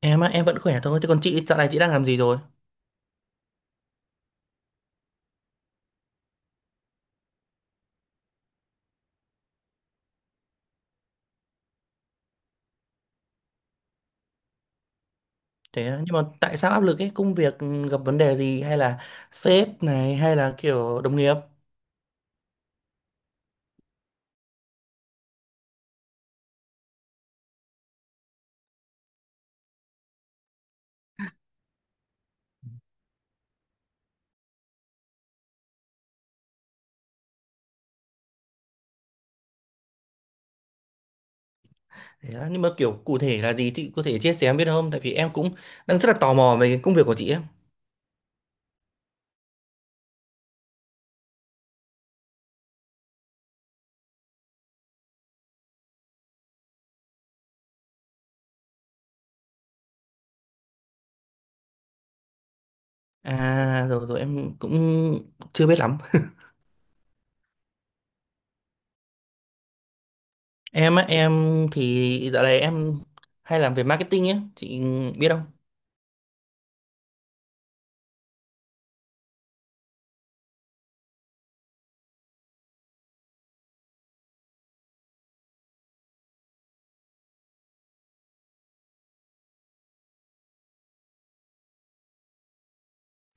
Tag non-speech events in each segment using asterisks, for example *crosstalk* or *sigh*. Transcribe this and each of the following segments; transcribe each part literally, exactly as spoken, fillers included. Em á, em vẫn khỏe thôi. Thế còn chị, dạo này chị đang làm gì rồi? Thế á, nhưng mà tại sao áp lực ấy? Công việc gặp vấn đề gì hay là sếp này hay là kiểu đồng nghiệp? Thế á, nhưng mà kiểu cụ thể là gì chị có thể chia sẻ em biết không? Tại vì em cũng đang rất là tò mò về cái công việc của chị ấy. À rồi rồi em cũng chưa biết lắm. Em á, em thì dạo này em hay làm về marketing ấy, chị biết không?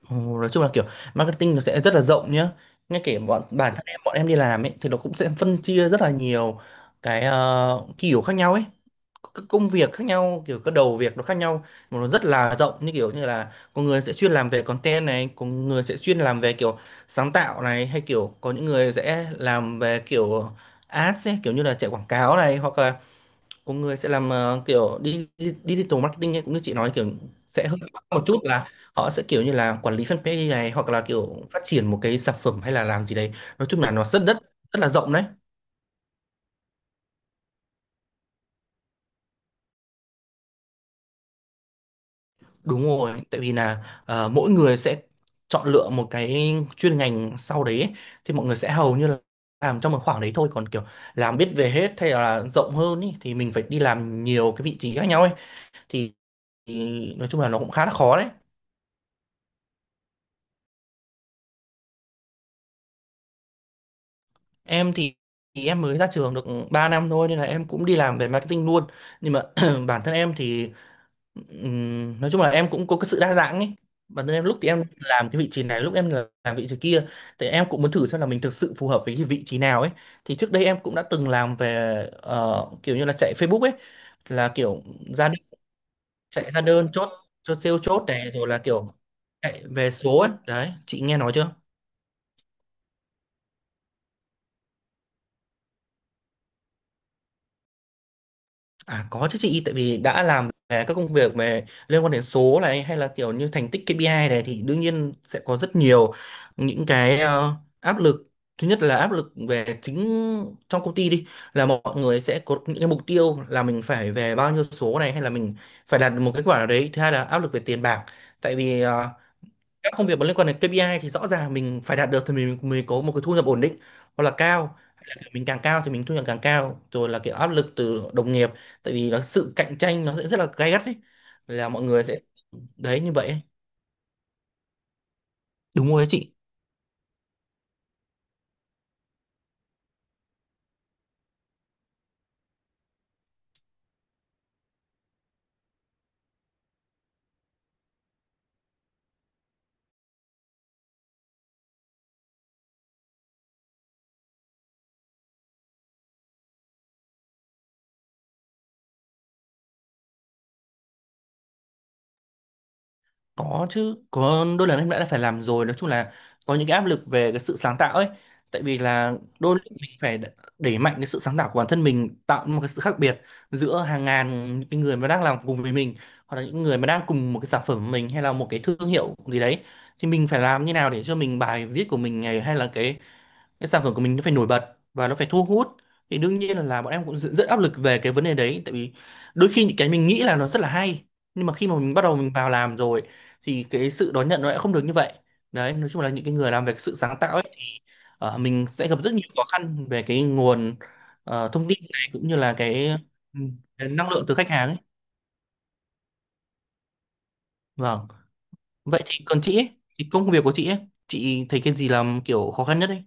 Ồ, nói chung là kiểu marketing nó sẽ rất là rộng nhá, ngay kể bọn bản thân em bọn em đi làm ấy thì nó cũng sẽ phân chia rất là nhiều cái ờ, kiểu khác nhau ấy, các công việc khác nhau, kiểu các đầu việc nó khác nhau, mà nó rất là rộng, như kiểu như là có người sẽ chuyên làm về content này, có người sẽ chuyên làm về kiểu sáng tạo này, hay kiểu có những người sẽ làm về kiểu ads ấy, kiểu như là chạy quảng cáo này, hoặc là có người sẽ làm ờ, kiểu đi- đi- digital marketing ấy, cũng như chị nói kiểu sẽ hơi khác một chút là họ sẽ kiểu như là quản lý fanpage này, hoặc là kiểu phát triển một cái sản phẩm hay là làm gì đấy, nói chung là nó rất rất rất là rộng đấy. Đúng rồi, tại vì là ờ, mỗi người sẽ chọn lựa một cái chuyên ngành sau đấy ấy. Thì mọi người sẽ hầu như là làm trong một khoảng đấy thôi, còn kiểu làm biết về hết hay là rộng hơn ý, thì mình phải đi làm nhiều cái vị trí khác nhau ấy, thì, thì nói chung là nó cũng khá là khó đấy. Em thì, thì em mới ra trường được ba năm thôi, nên là em cũng đi làm về marketing luôn. Nhưng mà *clears throat* bản thân em thì ừm, nói chung là em cũng có cái sự đa dạng ấy. Bản thân em lúc thì em làm cái vị trí này, lúc em là- làm vị trí kia. Thì em cũng muốn thử xem là mình thực sự phù hợp với cái vị trí nào ấy. Thì trước đây em cũng đã từng làm về ờ, kiểu như là chạy Facebook ấy, là kiểu ra đơn, chạy ra đơn chốt chốt sale, chốt này rồi là kiểu chạy về số ấy. Đấy, chị nghe nói chưa? À có chứ chị, tại vì đã làm về các công việc về liên quan đến số này hay là kiểu như thành tích ca pê i này thì đương nhiên sẽ có rất nhiều những cái ờ, áp lực. Thứ nhất là áp lực về chính trong công ty đi, là mọi người sẽ có những cái mục tiêu là mình phải về bao nhiêu số này, hay là mình phải đạt được một kết quả nào đấy. Thứ hai là áp lực về tiền bạc. Tại vì ờ, các công việc mà liên quan đến kay pi ai thì rõ ràng mình phải đạt được thì mình mới có một cái thu nhập ổn định, hoặc là cao hay là kiểu mình càng cao thì mình thu nhập càng cao, rồi là kiểu áp lực từ đồng nghiệp, tại vì nó sự cạnh tranh nó sẽ rất là gay gắt ấy, là mọi người sẽ đấy như vậy ấy. Đúng rồi đấy chị. Có chứ, có đôi lần em đã phải làm rồi, nói chung là có những cái áp lực về cái sự sáng tạo ấy. Tại vì là đôi lúc mình phải đ- đẩy mạnh cái sự sáng tạo của bản thân mình, tạo một cái sự khác biệt giữa hàng ngàn những cái người mà đang làm cùng với mình, hoặc là những người mà đang cùng một cái sản phẩm của mình hay là một cái thương hiệu gì đấy. Thì mình phải làm như nào để cho mình bài viết của mình này, hay là cái cái sản phẩm của mình nó phải nổi bật và nó phải thu hút, thì đương nhiên là, là bọn em cũng rất, rất áp lực về cái vấn đề đấy, tại vì đôi khi những cái mình nghĩ là nó rất là hay, nhưng mà khi mà mình bắt đầu mình vào làm rồi thì cái sự đón nhận nó lại không được như vậy. Đấy, nói chung là những cái người làm về cái sự sáng tạo ấy thì ờ, mình sẽ gặp rất nhiều khó khăn về cái nguồn ờ, thông tin này, cũng như là cái, ừ, cái năng lượng từ khách hàng ấy. Vâng, vậy thì còn chị ấy thì công việc của chị ấy, chị thấy cái gì làm kiểu khó khăn nhất ấy?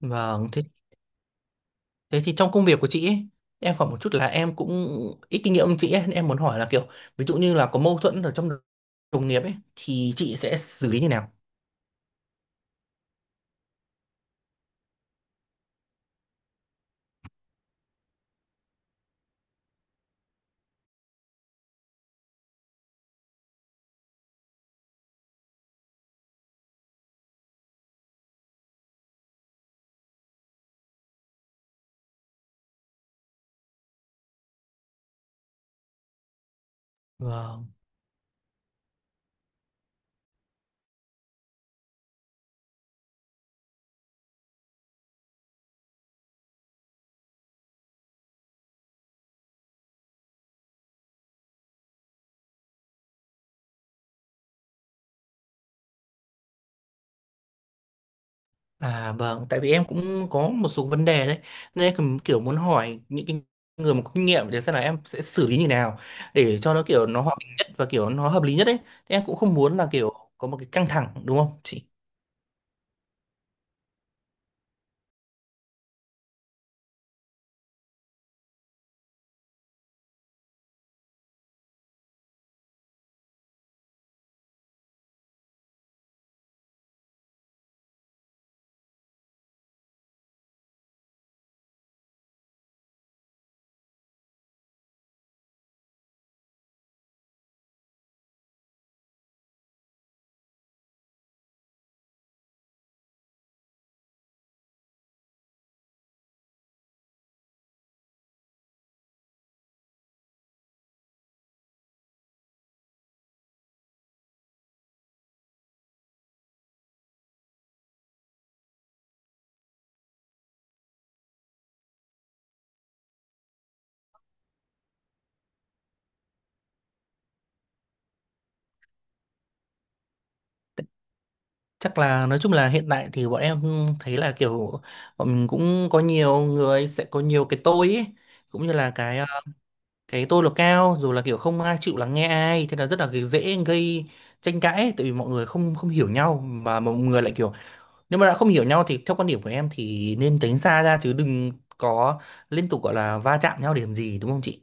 Vâng, thế thế thì trong công việc của chị ấy, em hỏi một chút là em cũng ít kinh nghiệm hơn chị ấy, nên em muốn hỏi là kiểu ví dụ như là có mâu thuẫn ở trong đồng nghiệp ấy thì chị sẽ xử lý như nào? Vâng. À vâng, tại vì em cũng có một số vấn đề đấy nên em cũng kiểu muốn hỏi những cái người mà có kinh nghiệm để xem là em sẽ xử lý như nào để cho nó kiểu nó hòa bình nhất và kiểu nó hợp lý nhất ấy. Thế em cũng không muốn là kiểu có một cái căng thẳng đúng không chị? Chắc là nói chung là hiện tại thì bọn em thấy là kiểu bọn mình cũng có nhiều người sẽ có nhiều cái tôi ấy, cũng như là cái ờ, cái tôi là cao, rồi là kiểu không ai chịu lắng nghe ai, thế là rất là cái dễ gây tranh cãi ấy, tại vì mọi người không không hiểu nhau, mà mọi người lại kiểu nếu mà đã không hiểu nhau thì theo quan điểm của em thì nên tránh xa ra chứ đừng có liên tục gọi là va chạm nhau để làm gì, đúng không chị?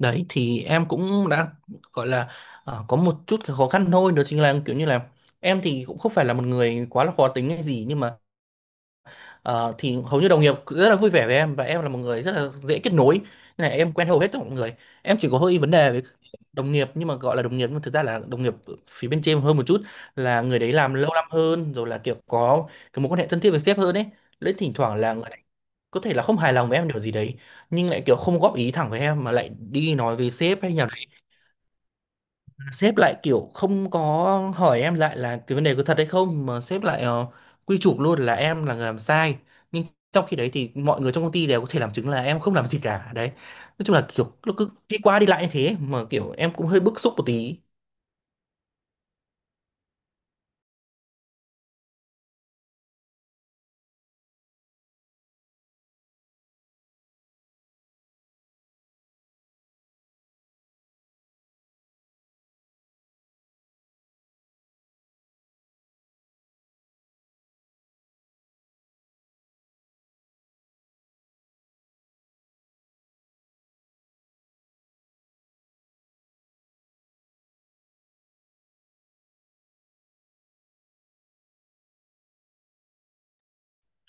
Đấy thì em cũng đã gọi là ờ, có một chút cái khó khăn thôi, đó chính là kiểu như là em thì cũng không phải là một người quá là khó tính hay gì, nhưng mà ờ, thì hầu như đồng nghiệp rất là vui vẻ với em và em là một người rất là dễ kết nối, nên là em quen hầu hết tất cả mọi người. Em chỉ có hơi vấn đề với đồng nghiệp, nhưng mà gọi là đồng nghiệp nhưng mà thực ra là đồng nghiệp phía bên trên hơn một chút, là người đấy làm lâu năm hơn, rồi là kiểu có cái mối quan hệ thân thiết với sếp hơn ấy, lấy thỉnh thoảng là người đấy có thể là không hài lòng với em điều gì đấy, nhưng lại kiểu không góp ý thẳng với em mà lại đi nói với sếp, hay nhà sếp lại kiểu không có hỏi em lại là cái vấn đề có thật hay không, mà sếp lại ờ, quy chụp luôn là em là người làm sai, nhưng trong khi đấy thì mọi người trong công ty đều có thể làm chứng là em không làm gì cả đấy, nói chung là kiểu nó cứ đi qua đi lại như thế mà kiểu em cũng hơi bức xúc một tí.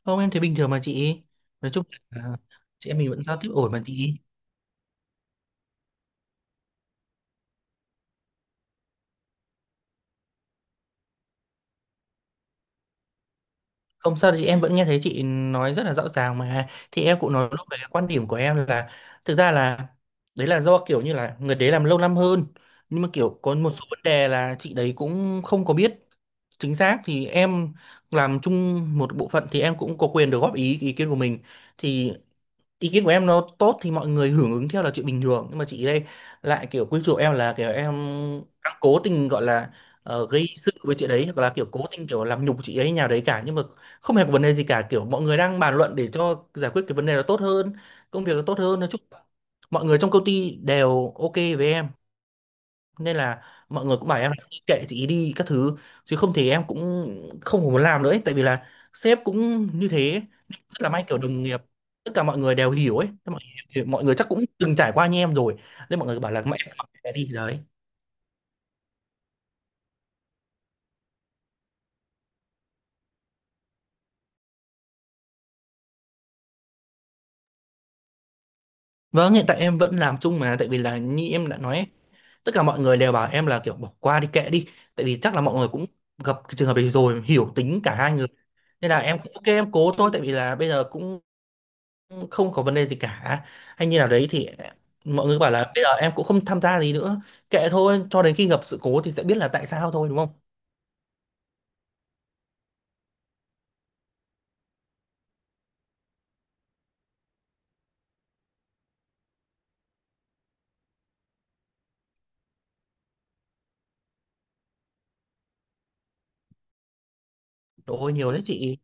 Không, em thấy bình thường mà chị, nói chung là chị em mình vẫn giao tiếp ổn mà chị. Không sao chị, em vẫn nghe thấy chị nói rất là rõ ràng mà, thì em cũng nói lúc về cái quan điểm của em là thực ra là đấy là do kiểu như là người đấy làm lâu năm hơn, nhưng mà kiểu có một số vấn đề là chị đấy cũng không có biết chính xác, thì em làm chung một bộ phận thì em cũng có quyền được góp ý ý kiến của mình, thì ý kiến của em nó tốt thì mọi người hưởng ứng theo là chuyện bình thường, nhưng mà chị đây lại kiểu quy chụp em là kiểu em đang cố tình gọi là ờ, gây sự với chị đấy hoặc là kiểu cố tình kiểu làm nhục chị ấy nhà đấy cả, nhưng mà không hề có vấn đề gì cả, kiểu mọi người đang bàn luận để cho giải quyết cái vấn đề đó tốt hơn, công việc nó tốt hơn, nói chung là mọi người trong công ty đều ok với em, nên là mọi người cũng bảo em là kệ chị ý đi các thứ, chứ không thì em cũng không muốn làm nữa ấy. Tại vì là sếp cũng như thế, rất là may kiểu đồng nghiệp tất cả mọi người đều hiểu ấy. Thế mọi, mọi người chắc cũng từng trải qua như em rồi, nên mọi người bảo là mẹ em học cái đi thì đấy. Vâng, hiện tại em vẫn làm chung mà, tại vì là như em đã nói ấy, tất cả mọi người đều bảo em là kiểu bỏ qua đi kệ đi, tại vì chắc là mọi người cũng gặp cái trường hợp đấy rồi hiểu tính cả hai người, nên là em cũng ok em cố thôi, tại vì là bây giờ cũng không có vấn đề gì cả hay như nào đấy thì mọi người bảo là bây giờ em cũng không tham gia gì nữa, kệ thôi cho đến khi gặp sự cố thì sẽ biết là tại sao thôi đúng không. Trời ơi nhiều đấy chị.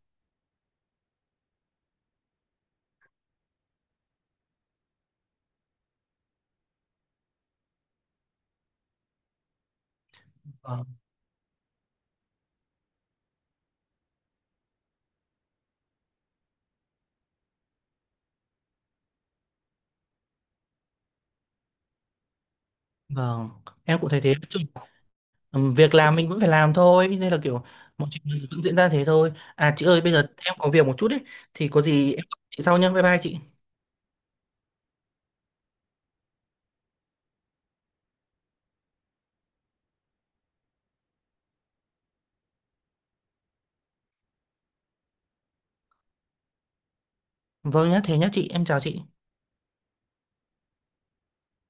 Vâng. Vâng, em cũng thấy thế. Chứ, ừm, việc làm mình vẫn phải làm thôi, nên là kiểu mọi chuyện vẫn diễn ra thế thôi. À chị ơi, bây giờ em có việc một chút đấy, thì có gì em gọi chị sau nhá. Bye bye chị. Vâng nhá, thế nhá chị, em chào chị.